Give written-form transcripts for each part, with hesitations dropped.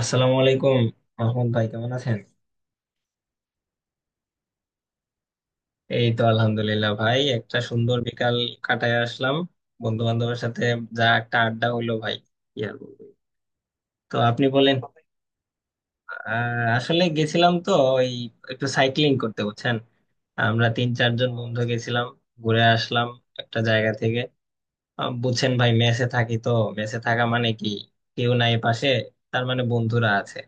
আসসালামু আলাইকুম। আহমদ ভাই, কেমন আছেন? এই তো আলহামদুলিল্লাহ ভাই, একটা সুন্দর বিকাল কাটায় আসলাম বন্ধু বান্ধবের সাথে। যা একটা আড্ডা হইলো ভাই, কি আর বলবো। তো আপনি বলেন। আসলে গেছিলাম তো ওই একটু সাইক্লিং করতে, বুঝছেন। আমরা তিন চারজন বন্ধু গেছিলাম, ঘুরে আসলাম একটা জায়গা থেকে। বুঝছেন ভাই, মেসে থাকি তো। মেসে থাকা মানে কি, কেউ নাই পাশে। তার মানে বন্ধুরা আছে,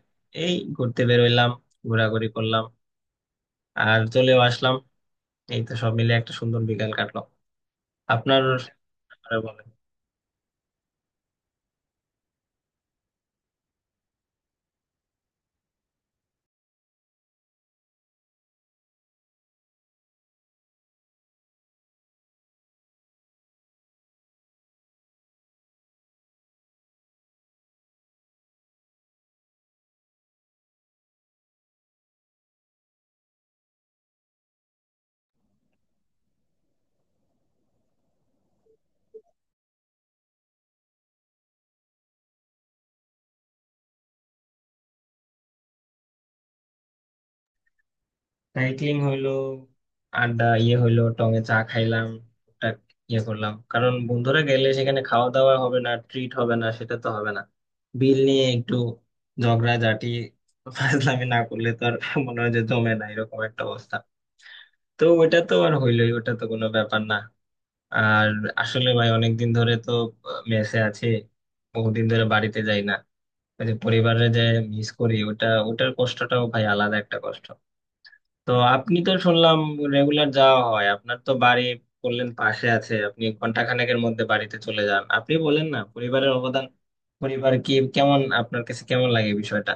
এই ঘুরতে বেরোইলাম, ঘোরাঘুরি করলাম আর চলেও আসলাম। এই তো সব মিলে একটা সুন্দর বিকাল কাটলো আপনার। আরে বলেন। সাইক্লিং হইলো, আড্ডা ইয়ে হইলো, টঙে চা খাইলাম, টুকটাক ইয়ে করলাম। কারণ বন্ধুরা গেলে সেখানে খাওয়া দাওয়া হবে না, ট্রিট হবে না, সেটা তো হবে না। বিল নিয়ে একটু ঝগড়া ঝাঁটি, ফাজলামি না করলে তো আর মনে হয় যে জমে না, এরকম একটা অবস্থা। তো ওইটা তো আর হইলোই, ওটা তো কোনো ব্যাপার না। আর আসলে ভাই অনেকদিন ধরে তো মেসে আছে, বহুদিন ধরে বাড়িতে যাই না। ওই যে পরিবারে যে মিস করি, ওটা ওটার কষ্টটাও ভাই আলাদা একটা কষ্ট। তো আপনি তো শুনলাম রেগুলার যাওয়া হয় আপনার তো বাড়ি, বললেন পাশে আছে। আপনি ঘন্টা খানেকের মধ্যে বাড়িতে চলে যান। আপনি বলেন না, পরিবারের অবদান, পরিবার কি, কেমন আপনার কাছে, কেমন লাগে বিষয়টা?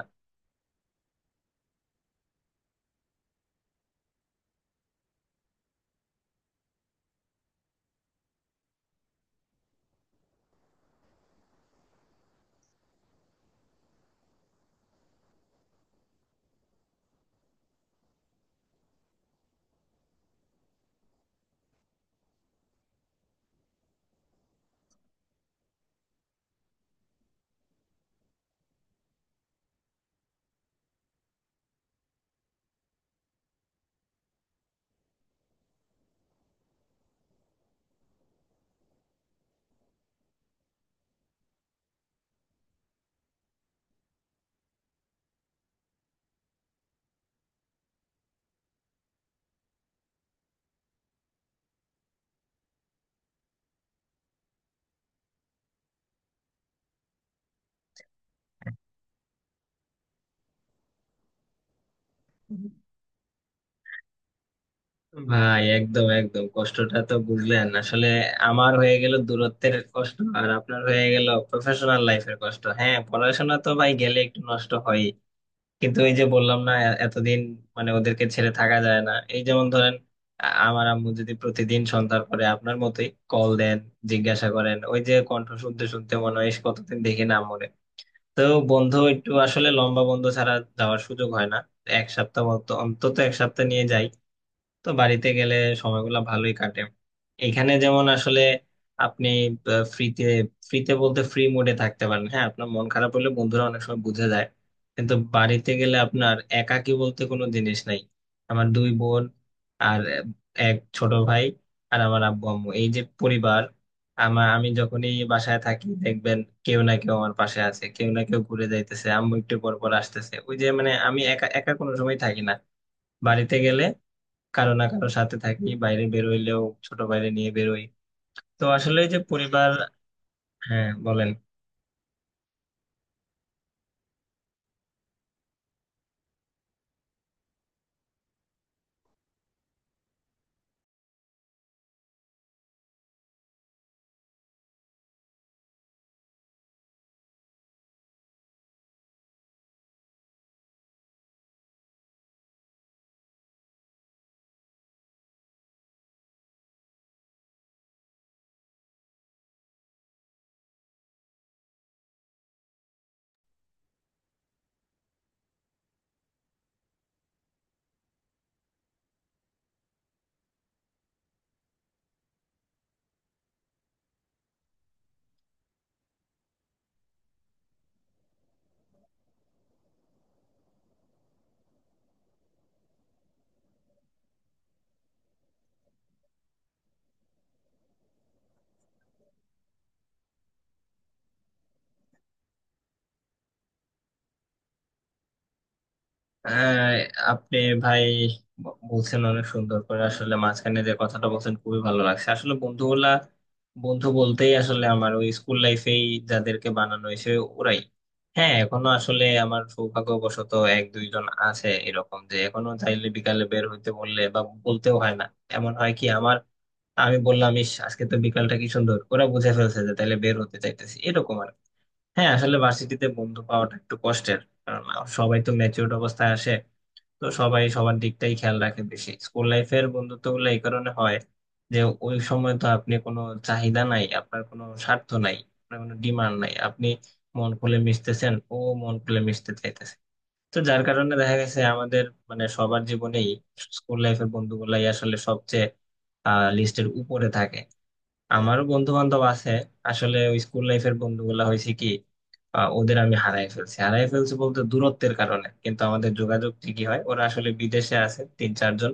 ভাই একদম একদম কষ্টটা তো বুঝলেন আসলে। আমার হয়ে গেল দূরত্বের কষ্ট, আর আপনার হয়ে গেল প্রফেশনাল লাইফের কষ্ট। হ্যাঁ, পড়াশোনা তো ভাই গেলে একটু নষ্ট হয়। কিন্তু এই যে বললাম না, এতদিন মানে ওদেরকে ছেড়ে থাকা যায় না। এই যেমন ধরেন, আমার আম্মু যদি প্রতিদিন সন্ধ্যার পরে আপনার মতোই কল দেন, জিজ্ঞাসা করেন, ওই যে কণ্ঠ শুনতে শুনতে মনে হয় ইস, কতদিন দেখি না আম্মুরে। তো বন্ধ একটু আসলে, লম্বা বন্ধ ছাড়া যাওয়ার সুযোগ হয় না। এক সপ্তাহ মতো, অন্তত এক সপ্তাহ নিয়ে যাই। তো বাড়িতে গেলে সময়গুলো ভালোই কাটে। এখানে যেমন আসলে আপনি ফ্রিতে, ফ্রিতে বলতে ফ্রি মুডে থাকতে পারেন। হ্যাঁ, আপনার মন খারাপ হলে বন্ধুরা অনেক সময় বুঝে যায়। কিন্তু বাড়িতে গেলে আপনার একাকী বলতে কোনো জিনিস নাই। আমার দুই বোন আর এক ছোট ভাই আর আমার আব্বু আম্মু, এই যে পরিবার আমার। আমি যখনই বাসায় থাকি, দেখবেন কেউ না কেউ আমার পাশে আছে, কেউ না কেউ ঘুরে যাইতেছে, আম্মু একটু পর পর আসতেছে। ওই যে মানে আমি একা একা কোনো সময় থাকি না। বাড়িতে গেলে কারো না কারো সাথে থাকি, বাইরে বেরোইলেও ছোট বাইরে নিয়ে বেরোই। তো আসলে যে পরিবার। হ্যাঁ বলেন। আহ, আপনি ভাই বলছেন অনেক সুন্দর করে। আসলে মাঝখানে যে কথাটা বলছেন খুবই ভালো লাগছে। আসলে বন্ধুগুলা, বন্ধু বলতেই আসলে আমার ওই স্কুল লাইফেই যাদেরকে বানানো হয়েছে ওরাই। হ্যাঁ এখনো আসলে আমার সৌভাগ্যবশত এক দুইজন আছে এরকম, যে এখনো চাইলে বিকালে বের হইতে বললে বা বলতেও হয় না। এমন হয় কি আমার, আমি বললাম ইস আজকে তো বিকালটা কি সুন্দর, ওরা বুঝে ফেলছে যে তাহলে বের হতে চাইতেছি, এরকম আর কি। হ্যাঁ, আসলে ভার্সিটিতে বন্ধু পাওয়াটা একটু কষ্টের। কারণ সবাই তো ম্যাচিউরড অবস্থায় আসে, তো সবাই সবার দিকটাই খেয়াল রাখে বেশি। স্কুল লাইফের বন্ধুত্ব গুলো এই কারণে হয়, যে ওই সময় তো আপনি কোনো চাহিদা নাই, আপনার কোনো স্বার্থ নাই, আপনার কোনো ডিমান্ড নাই। আপনি মন খুলে মিশতেছেন, ও মন খুলে মিশতে চাইতেছে। তো যার কারণে দেখা গেছে আমাদের মানে সবার জীবনেই স্কুল লাইফের বন্ধুগুলাই আসলে সবচেয়ে লিস্টের উপরে থাকে। আমারও বন্ধু বান্ধব আছে। আসলে ওই স্কুল লাইফের বন্ধুগুলা হয়েছে কি, ওদের আমি হারাই ফেলছি, হারাই ফেলছি বলতে দূরত্বের কারণে, কিন্তু আমাদের যোগাযোগ ঠিকই হয়। ওরা আসলে বিদেশে আছে তিন চারজন,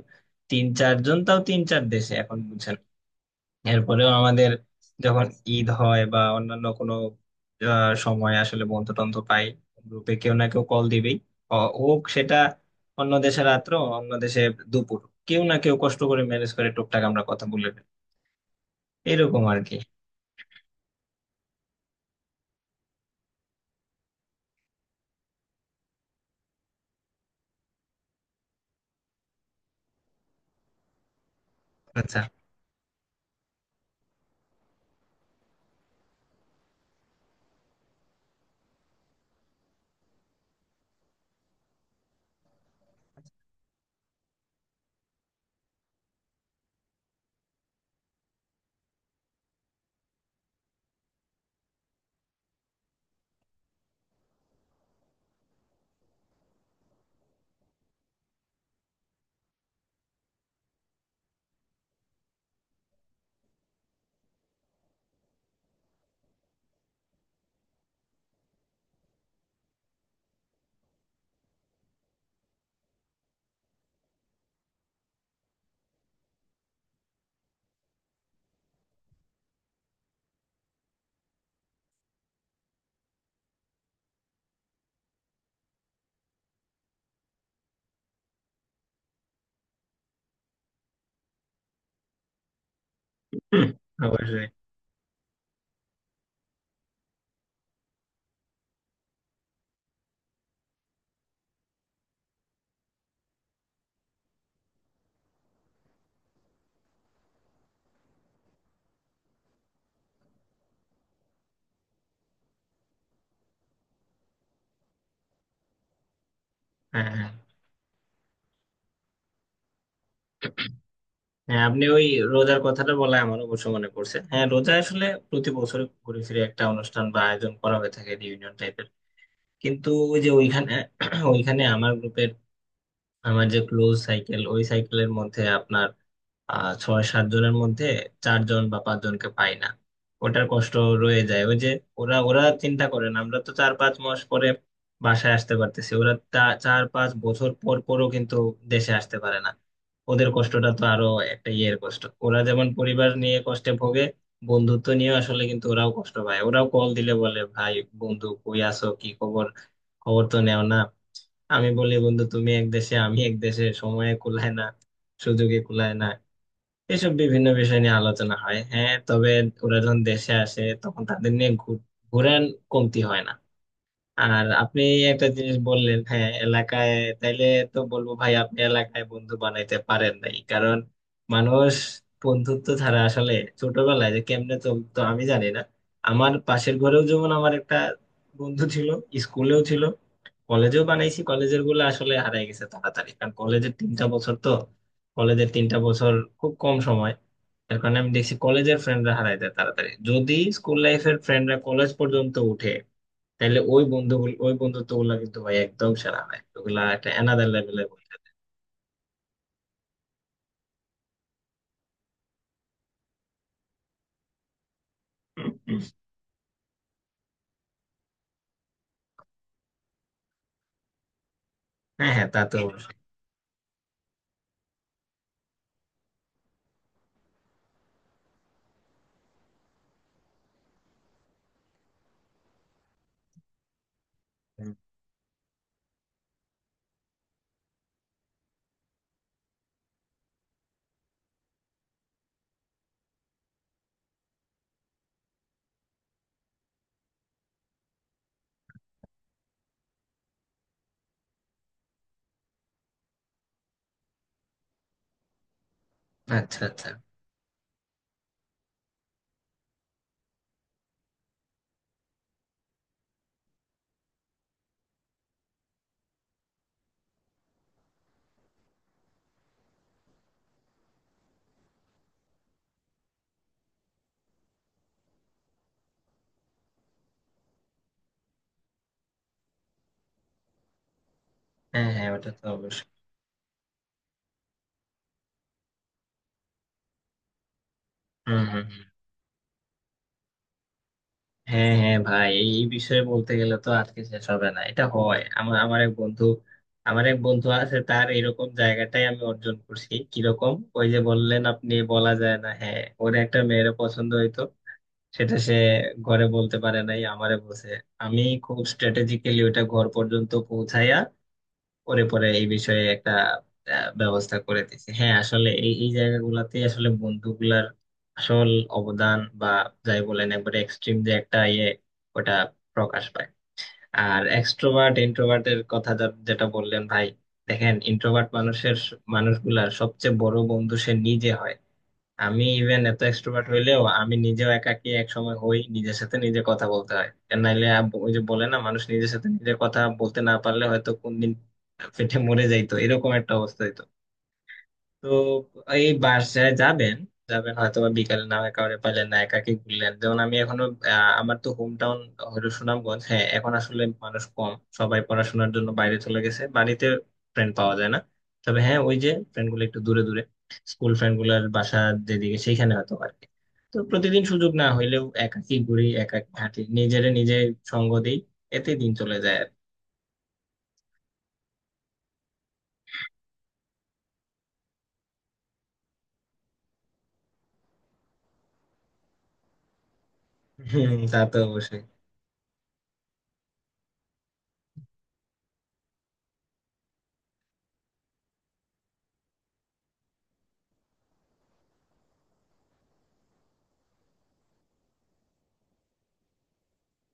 তিন চারজন তাও তিন চার দেশে এখন, বুঝছেন। এরপরেও আমাদের যখন ঈদ হয় বা অন্যান্য কোনো সময়, আসলে বন্ধু টন্ধু পাই, গ্রুপে কেউ না কেউ কল দিবেই। হোক সেটা অন্য দেশে রাত্র, অন্য দেশে দুপুর, কেউ না কেউ কষ্ট করে ম্যানেজ করে টুকটাক আমরা কথা বলে নিই। এরকম আর কি। আচ্ছা। হুম, অবশ্যই। হ্যাঁ হ্যাঁ। হ্যাঁ আপনি ওই রোজার কথাটা বলে আমার অবশ্য মনে পড়ছে। হ্যাঁ রোজা আসলে প্রতি বছরে ঘুরে ফিরে একটা অনুষ্ঠান বা আয়োজন করা হয়ে থাকে, রিউনিয়ন টাইপের। কিন্তু ওই যে ওইখানে, ওইখানে আমার গ্রুপের, আমার যে ক্লোজ সাইকেল, ওই সাইকেলের মধ্যে আপনার আহ ছয় সাত জনের মধ্যে চারজন বা পাঁচজনকে পাই না। ওটার কষ্ট রয়ে যায়। ওই যে ওরা ওরা চিন্তা করেন, আমরা তো চার পাঁচ মাস পরে বাসায় আসতে পারতেছি, ওরা চার পাঁচ বছর পর পরও কিন্তু দেশে আসতে পারে না। ওদের কষ্টটা তো আরো একটা ইয়ের কষ্ট। ওরা যেমন পরিবার নিয়ে কষ্টে ভোগে, বন্ধুত্ব নিয়ে আসলে কিন্তু ওরাও কষ্ট পায়। ওরাও কল দিলে বলে, ভাই বন্ধু কই আছো, কি খবর, খবর তো নেও না। আমি বলি, বন্ধু তুমি এক দেশে আমি এক দেশে, সময়ে কুলায় না, সুযোগে কুলায় না। এসব বিভিন্ন বিষয় নিয়ে আলোচনা হয়। হ্যাঁ তবে ওরা যখন দেশে আসে তখন তাদের নিয়ে ঘুরার কমতি হয় না। আর আপনি একটা জিনিস বললেন, হ্যাঁ এলাকায়, তাইলে তো বলবো ভাই আপনি এলাকায় বন্ধু বানাইতে পারেন নাই। কারণ মানুষ বন্ধুত্ব ছাড়া আসলে ছোটবেলায় যে কেমনে চলতো, আমি জানি না। আমার পাশের ঘরেও যেমন আমার একটা বন্ধু ছিল, স্কুলেও ছিল, কলেজেও বানাইছি। কলেজের গুলো আসলে হারাই গেছে তাড়াতাড়ি, কারণ কলেজের তিনটা বছর তো, কলেজের তিনটা বছর খুব কম সময়। এর কারণে আমি দেখছি কলেজের ফ্রেন্ডরা হারাই যায় তাড়াতাড়ি। যদি স্কুল লাইফের ফ্রেন্ডরা কলেজ পর্যন্ত উঠে, তাহলে ওই বন্ধুগুলো, ওই বন্ধুত্ব গুলা কিন্তু ভাই একদম সেরা হয়, ওগুলা একটা অ্যানাদার লেভেলের। হ্যাঁ হ্যাঁ, তা তো অবশ্যই। আচ্ছা আচ্ছা। হ্যাঁ হ্যাঁ, ওটা তো অবশ্যই। হম হম। হ্যাঁ হ্যাঁ ভাই, এই এই বিষয়ে বলতে গেলে তো আজকে শেষ হবে না। এটা হয়, আমার আমার এক বন্ধু, আমার এক বন্ধু আছে, তার এরকম জায়গাটাই আমি অর্জন করছি। কিরকম, ওই যে বললেন আপনি বলা যায় না, হ্যাঁ ওর একটা মেয়ের পছন্দ হইতো, সেটা সে ঘরে বলতে পারে নাই, আমারে বলছে। আমি খুব স্ট্র্যাটেজিক্যালি ওটা ঘর পর্যন্ত পৌঁছাইয়া করে পরে এই বিষয়ে একটা ব্যবস্থা করে দিয়েছে। হ্যাঁ আসলে এই এই জায়গাগুলোতে আসলে বন্ধুগুলার আসল অবদান বা যাই বলেন একবারে এক্সট্রিম যে একটা ইয়ে, ওটা প্রকাশ পায়। আর এক্সট্রোভার্ট ইন্ট্রোভার্টের কথা যেটা বললেন ভাই, দেখেন ইন্ট্রোভার্ট মানুষের মানুষগুলার সবচেয়ে বড় বন্ধু সে নিজে হয়। আমি ইভেন এত এক্সট্রোভার্ট হইলেও আমি নিজেও একাকী এক সময় হই, নিজের সাথে নিজে কথা বলতে হয়। আর নাইলে ওই যে বলে না, মানুষ নিজের সাথে নিজের কথা বলতে না পারলে হয়তো কোনদিন পেটে মরে যাইতো, এরকম একটা অবস্থা হইতো। তো এই বাসায় যাবেন, যাবেন হয়তো বা বিকালে, না হয় কাউরে পাইলেন না, একাকি ঘুরলেন। যেমন আমি এখনো, আমার তো হোম টাউন হলো সুনামগঞ্জ। হ্যাঁ এখন আসলে মানুষ কম, সবাই পড়াশোনার জন্য বাইরে চলে গেছে, বাড়িতে ফ্রেন্ড পাওয়া যায় না। তবে হ্যাঁ, ওই যে ফ্রেন্ড গুলো একটু দূরে দূরে, স্কুল ফ্রেন্ড গুলার বাসা যেদিকে সেইখানে হয়তো আর কি। তো প্রতিদিন সুযোগ না হইলেও একাকি ঘুরি, একাকি হাঁটি, নিজেরে নিজে সঙ্গ দিই। এতে দিন চলে যায় আর কি। হুম, তা তো অবশ্যই।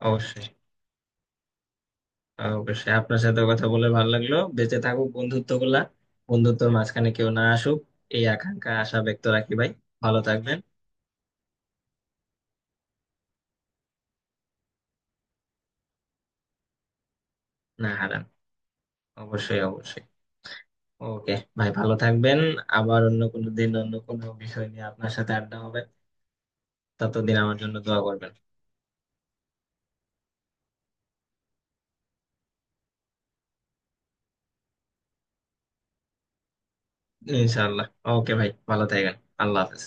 অবশ্যই। অবশ্যই আপনার সাথে কথা বলে ভালো লাগলো। বেঁচে থাকুক বন্ধুত্ব গুলা, বন্ধুত্বর মাঝখানে কেউ না আসুক, এই আকাঙ্ক্ষা আশা ব্যক্ত রাখি ভাই। ভালো থাকবেন। না হারান, অবশ্যই অবশ্যই। ওকে ভাই, ভালো থাকবেন। আবার অন্য কোনো দিন অন্য কোনো বিষয় নিয়ে আপনার সাথে আড্ডা হবে। ততদিন আমার জন্য দোয়া করবেন। ইনশাআল্লাহ। ওকে ভাই, ভালো থাকবেন। আল্লাহ হাফেজ।